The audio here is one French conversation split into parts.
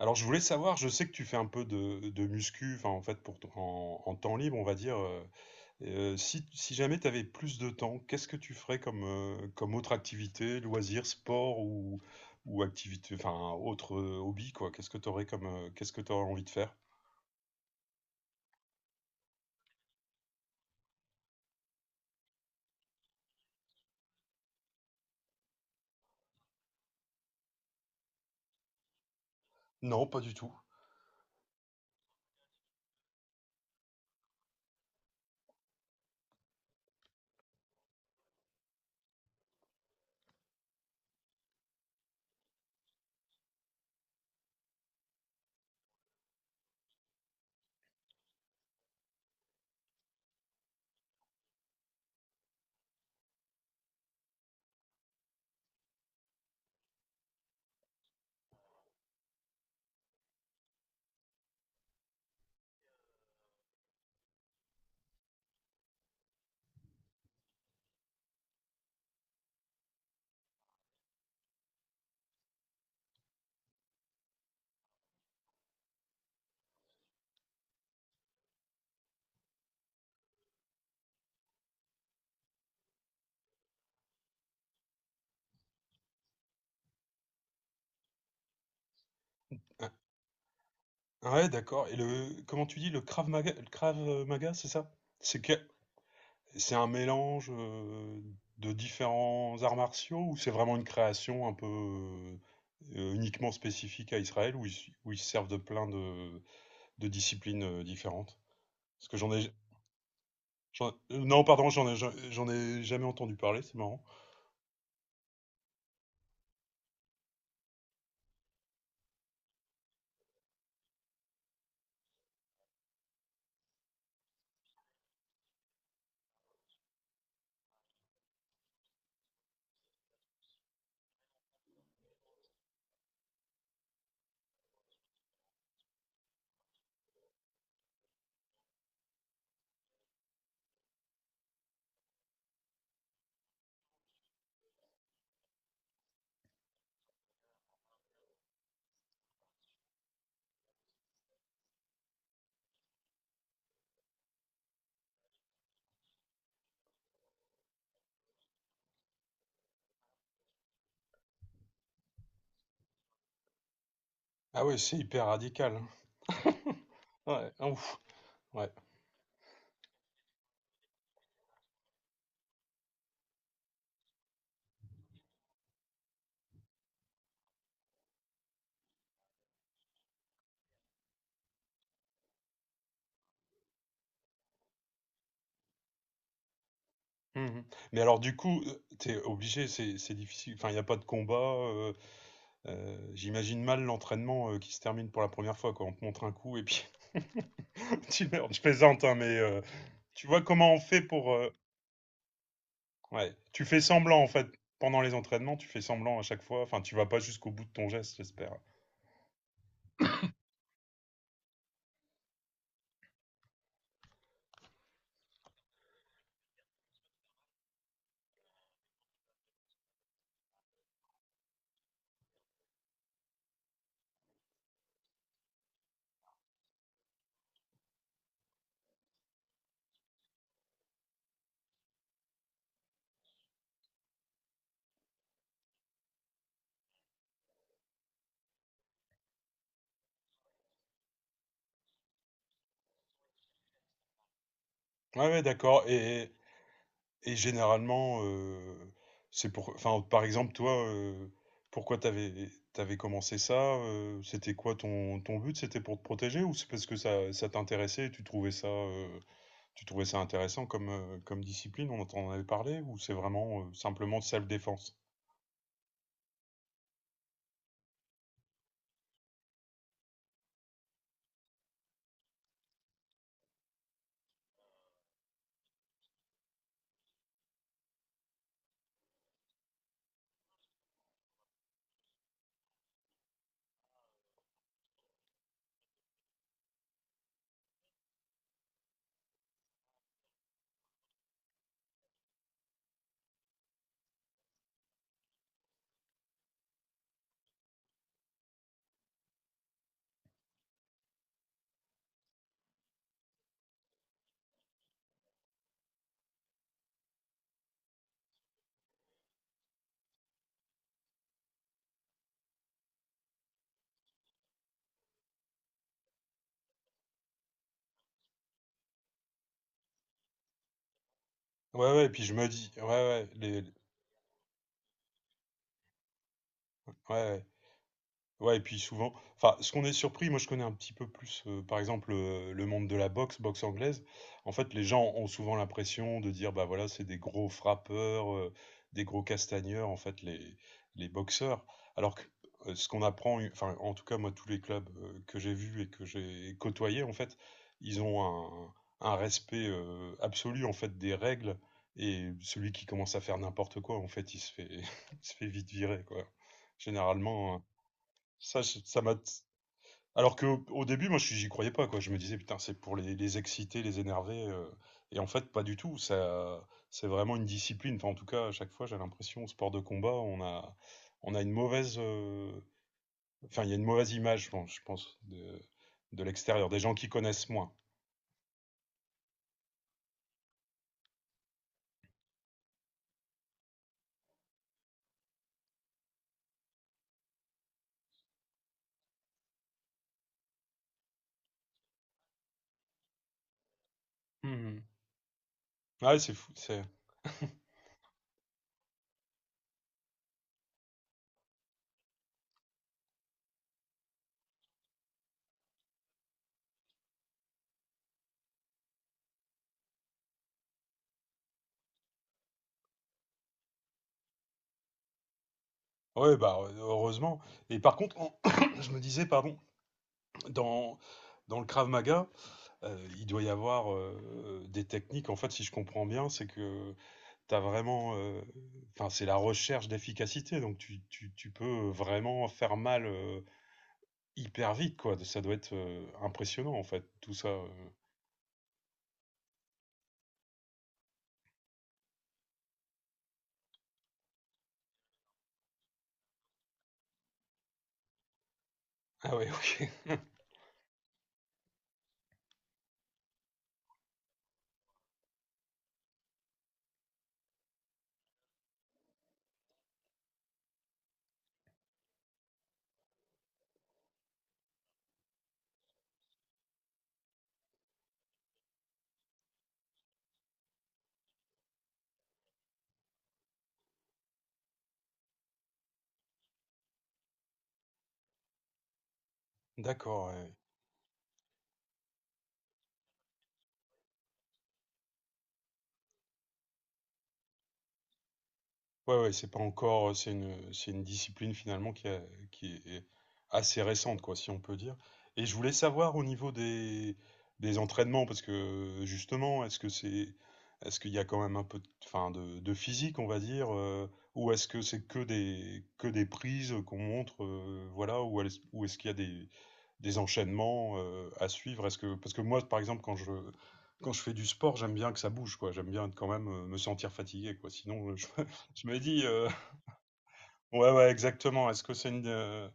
Alors, je voulais savoir, je sais que tu fais un peu de muscu, enfin, en fait, pour en temps libre, on va dire. Si, si jamais tu avais plus de temps, qu'est-ce que tu ferais comme, comme autre activité, loisir, sport ou activité, enfin, autre hobby, quoi? Qu'est-ce que tu aurais comme, qu'est-ce que tu aurais envie de faire? Non, pas du tout. Ah, ouais, d'accord. Et le, comment tu dis, le Krav Maga, c'est ça? C'est que- C'est un mélange de différents arts martiaux, ou c'est vraiment une création un peu uniquement spécifique à Israël où ils se servent de plein de disciplines différentes? Parce que j'en ai, j'en- Non, pardon, j'en ai jamais entendu parler, c'est marrant. Ah ouais, c'est hyper radical. Ouais, ah, ouf, ouais. Mhm. Mais alors du coup, t'es obligé, c'est difficile. Enfin, il n'y a pas de combat. J'imagine mal l'entraînement qui se termine pour la première fois, quoi. On te montre un coup et puis tu meurs. Je plaisante, hein, mais tu vois comment on fait pour. Ouais. Tu fais semblant, en fait. Pendant les entraînements, tu fais semblant à chaque fois. Enfin, tu vas pas jusqu'au bout de ton geste, j'espère. Ouais, ouais, d'accord. Et généralement, c'est pour. Enfin, par exemple, toi, pourquoi t'avais commencé ça? C'était quoi ton but? C'était pour te protéger, ou c'est parce que ça t'intéressait et tu trouvais ça intéressant comme, comme discipline? On en avait parlé, ou c'est vraiment simplement de self-défense? Ouais, ouais, et puis je me dis, ouais, ouais, les, ouais, ouais. Ouais, et puis souvent, enfin, ce qu'on est surpris, moi je connais un petit peu plus, par exemple, le monde de la boxe, boxe anglaise. En fait, les gens ont souvent l'impression de dire, bah voilà, c'est des gros frappeurs, des gros castagneurs, en fait, les boxeurs. Alors que ce qu'on apprend, enfin, en tout cas, moi, tous les clubs que j'ai vus et que j'ai côtoyés, en fait, ils ont un respect absolu, en fait, des règles. Et celui qui commence à faire n'importe quoi, en fait, il se fait, il se fait vite virer, quoi. Généralement. Ça m'a. Alors que au début, moi, j'y croyais pas, quoi. Je me disais, putain, c'est pour les exciter, les énerver. Et en fait, pas du tout. Ça, c'est vraiment une discipline. Enfin, en tout cas, à chaque fois, j'ai l'impression, au sport de combat, on a une mauvaise. Enfin, il y a une mauvaise image, je pense, de l'extérieur, des gens qui connaissent moins. Mhm. Ouais, c'est fou. C'est. Ouais, bah, heureusement. Et par contre, en- je me disais, pardon, dans, dans le Krav Maga. Il doit y avoir, des techniques en fait, si je comprends bien, c'est que tu as vraiment, enfin, c'est la recherche d'efficacité, donc tu peux vraiment faire mal, hyper vite, quoi. Ça doit être, impressionnant en fait tout ça, heu? Ah ouais, OK. D'accord, ouais. Ouais, ouais, c'est pas encore, c'est une discipline finalement qui est assez récente, quoi, si on peut dire. Et je voulais savoir au niveau des entraînements, parce que justement, est-ce que c'est, est-ce qu'il y a quand même un peu, de, enfin, de physique, on va dire, ou est-ce que c'est que des prises qu'on montre, voilà, ou est-ce qu'il y a des enchaînements, à suivre? Est-ce que, parce que moi, par exemple, quand je fais du sport, j'aime bien que ça bouge, quoi. J'aime bien être quand même me sentir fatigué, quoi. Sinon, je me dis, ouais, ouais, exactement. Est-ce que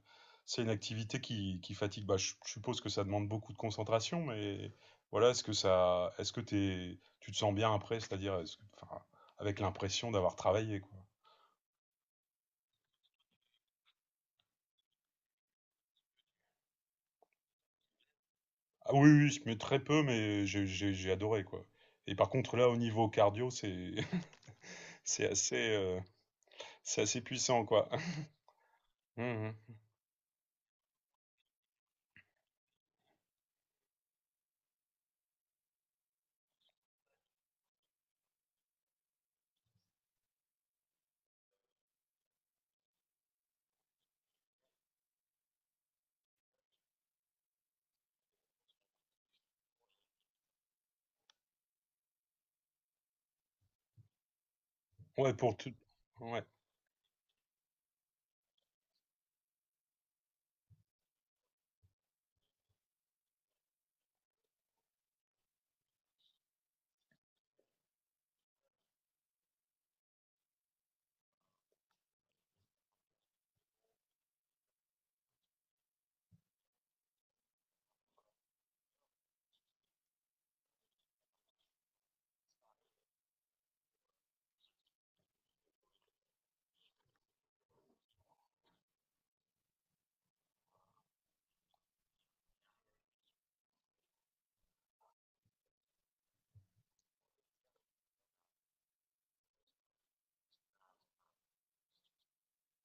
c'est une activité qui fatigue? Bah, je suppose que ça demande beaucoup de concentration, mais voilà, est-ce que ça, est-ce que t'es tu te sens bien après? C'est-à-dire, est-ce que, enfin, avec l'impression d'avoir travaillé, quoi? Ah oui, oui, je mets très peu, mais j'ai adoré, quoi, et par contre, là, au niveau cardio, c'est c'est assez, heu, c'est assez puissant, quoi. Mmh. Ouais, pour tout, ouais.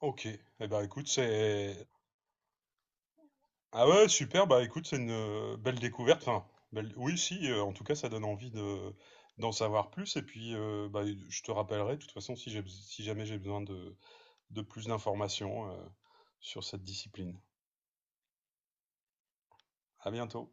OK. Et ben écoute, c'est ah ouais, super, bah écoute, c'est une belle découverte. Enfin, belle- oui, si, en tout cas, ça donne envie de d'en savoir plus. Et puis, bah, je te rappellerai, de toute façon, si j'ai, si jamais j'ai besoin de plus d'informations, sur cette discipline. À bientôt.